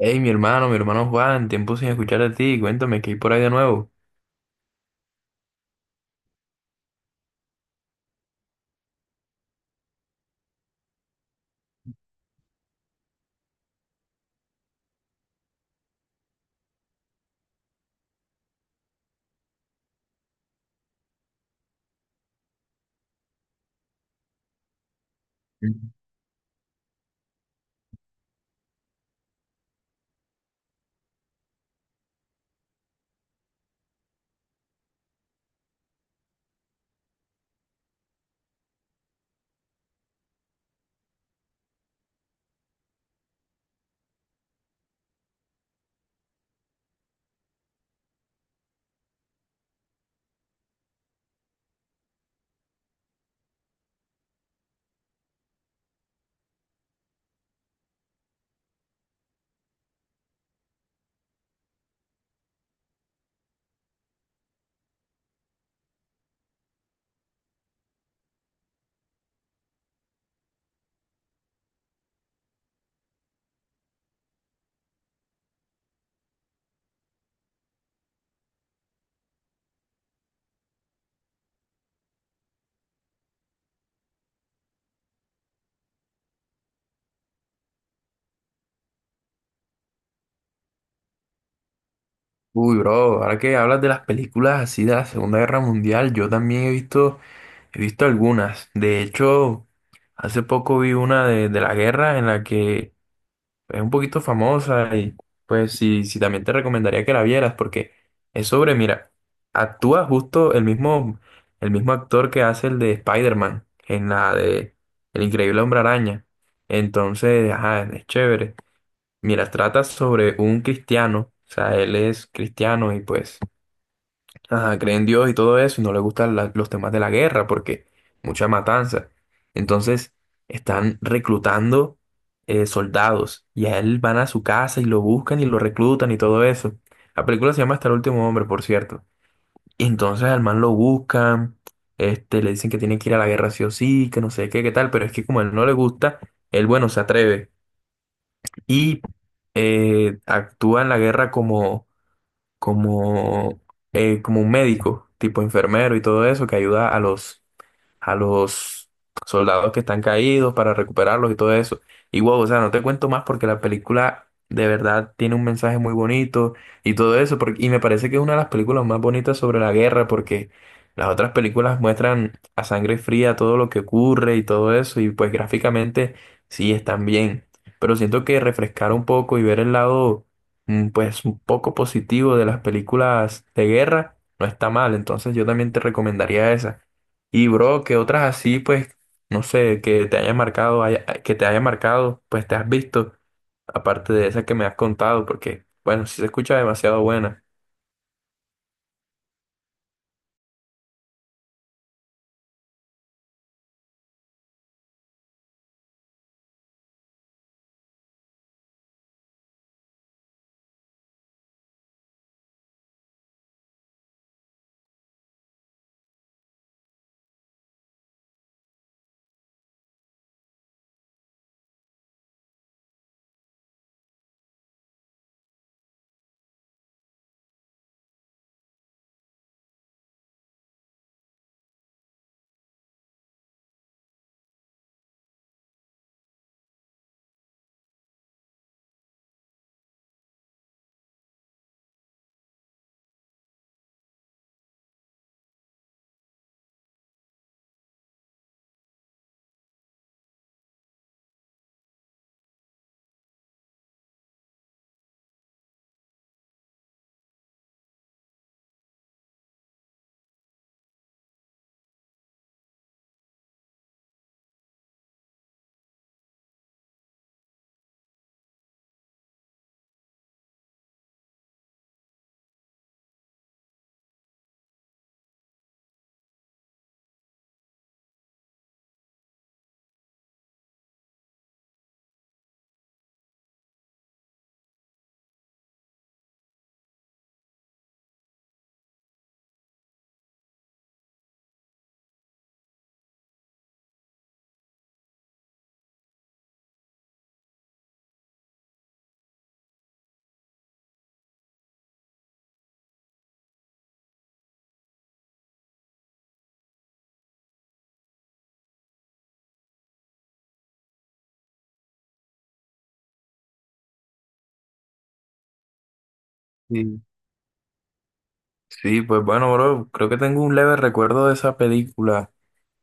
Hey, mi hermano, Juan, tiempo sin escuchar de ti, cuéntame que hay por ahí de nuevo. Mm. Uy, bro, ahora que hablas de las películas así de la Segunda Guerra Mundial, yo también he visto algunas. De hecho, hace poco vi una de la guerra en la que es un poquito famosa y pues sí, sí también te recomendaría que la vieras porque es sobre, mira, actúa justo el mismo actor que hace el de Spider-Man en la de El Increíble Hombre Araña. Entonces, ajá, es chévere. Mira, trata sobre un cristiano, o sea, él es cristiano y pues ajá, cree en Dios y todo eso, y no le gustan los temas de la guerra porque mucha matanza. Entonces, están reclutando soldados y a él van a su casa y lo buscan y lo reclutan y todo eso. La película se llama Hasta el último hombre, por cierto. Y entonces al man lo buscan, este, le dicen que tiene que ir a la guerra sí o sí, que no sé qué, qué tal, pero es que como a él no le gusta, él, bueno, se atreve y actúa en la guerra como como, como un médico, tipo enfermero y todo eso, que ayuda a a los soldados que están caídos para recuperarlos y todo eso. Y wow, o sea, no te cuento más porque la película de verdad tiene un mensaje muy bonito y todo eso, porque, y me parece que es una de las películas más bonitas sobre la guerra porque las otras películas muestran a sangre fría todo lo que ocurre y todo eso y pues gráficamente sí están bien, pero siento que refrescar un poco y ver el lado pues un poco positivo de las películas de guerra no está mal, entonces yo también te recomendaría esa. Y bro, que otras así, pues, no sé, que te haya marcado, que te haya marcado, pues te has visto, aparte de esas que me has contado, porque, bueno, sí se escucha demasiado buena. Sí. Sí, pues bueno, bro, creo que tengo un leve recuerdo de esa película.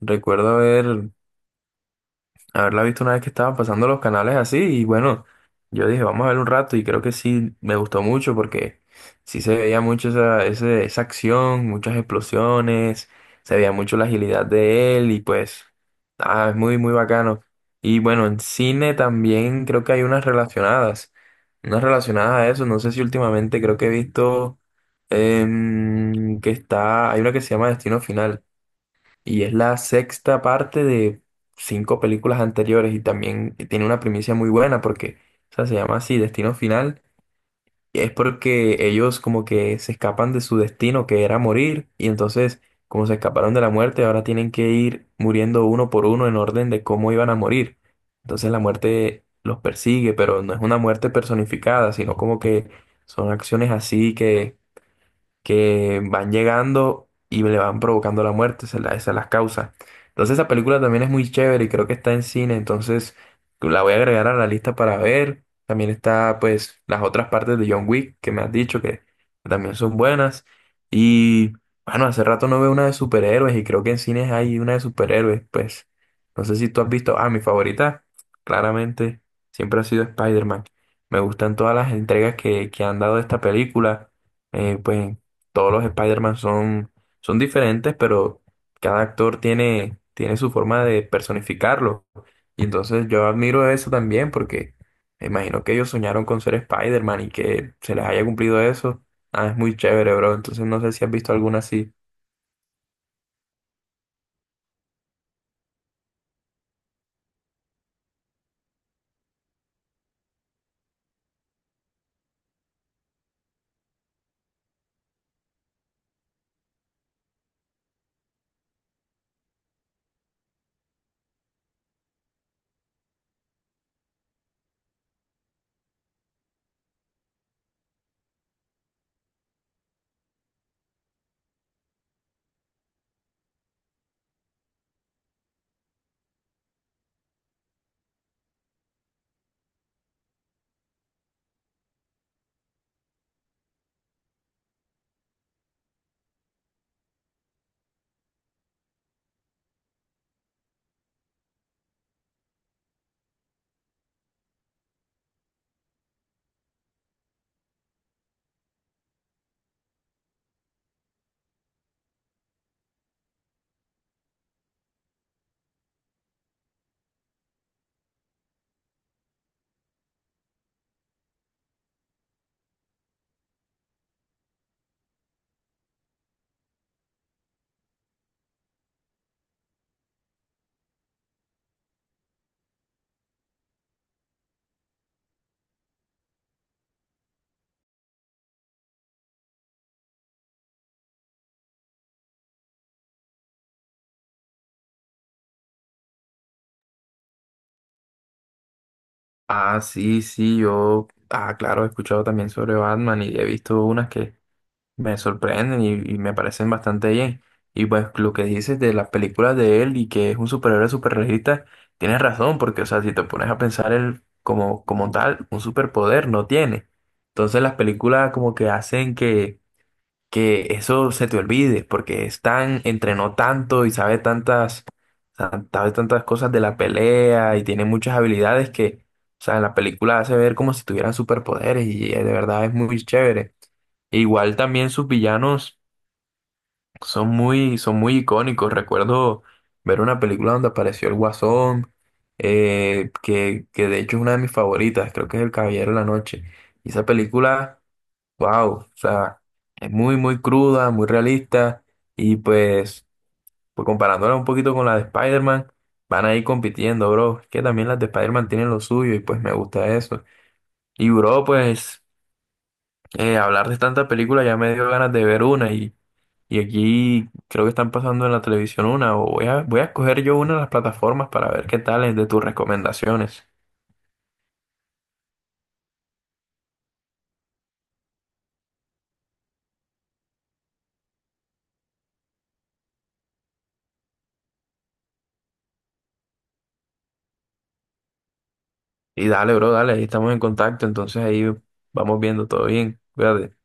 Recuerdo haberla visto una vez que estaban pasando los canales así y bueno, yo dije, vamos a ver un rato y creo que sí, me gustó mucho porque sí se veía mucho esa acción, muchas explosiones, se veía mucho la agilidad de él y pues, ah, es muy, muy bacano. Y bueno, en cine también creo que hay unas relacionadas a eso, no sé si últimamente creo que he visto que está, hay una que se llama Destino Final. Y es la sexta parte de cinco películas anteriores y también tiene una primicia muy buena porque, o sea, se llama así, Destino Final. Y es porque ellos como que se escapan de su destino, que era morir, y entonces como se escaparon de la muerte, ahora tienen que ir muriendo uno por uno en orden de cómo iban a morir. Entonces la muerte los persigue, pero no es una muerte personificada, sino como que son acciones así que van llegando y le van provocando la muerte, esa es la causa. Entonces esa película también es muy chévere y creo que está en cine, entonces la voy a agregar a la lista para ver. También está pues las otras partes de John Wick que me has dicho que también son buenas. Y bueno, hace rato no veo una de superhéroes y creo que en cines hay una de superhéroes, pues no sé si tú has visto, ah, mi favorita, claramente, siempre ha sido Spider-Man. Me gustan todas las entregas que han dado de esta película. Pues todos los Spider-Man son, son diferentes, pero cada actor tiene, tiene su forma de personificarlo. Y entonces yo admiro eso también porque me imagino que ellos soñaron con ser Spider-Man y que se les haya cumplido eso. Ah, es muy chévere, bro. Entonces no sé si has visto alguna así. Ah, sí, sí, yo, ah, claro, he escuchado también sobre Batman y he visto unas que me sorprenden y me parecen bastante bien. Y pues lo que dices de las películas de él y que es un superhéroe superregista tienes razón, porque o sea, si te pones a pensar él como tal, un superpoder no tiene. Entonces las películas como que hacen que eso se te olvide, porque es tan, entrenó tanto y sabe tantas, sabe tantas cosas de la pelea y tiene muchas habilidades que, o sea, en la película hace ver como si tuvieran superpoderes y de verdad es muy chévere. E igual también sus villanos son muy icónicos. Recuerdo ver una película donde apareció el Guasón, que de hecho es una de mis favoritas, creo que es El Caballero de la Noche. Y esa película, wow, o sea, es muy, muy cruda, muy realista. Y pues, pues comparándola un poquito con la de Spider-Man, van a ir compitiendo, bro. Es que también las de Spider-Man tienen lo suyo y pues me gusta eso. Y bro, pues hablar de tanta película ya me dio ganas de ver una y… Y aquí creo que están pasando en la televisión una, o voy a escoger yo una de las plataformas para ver qué tal es de tus recomendaciones. Y dale, bro, dale, ahí estamos en contacto, entonces ahí vamos viendo todo bien. Cuídate.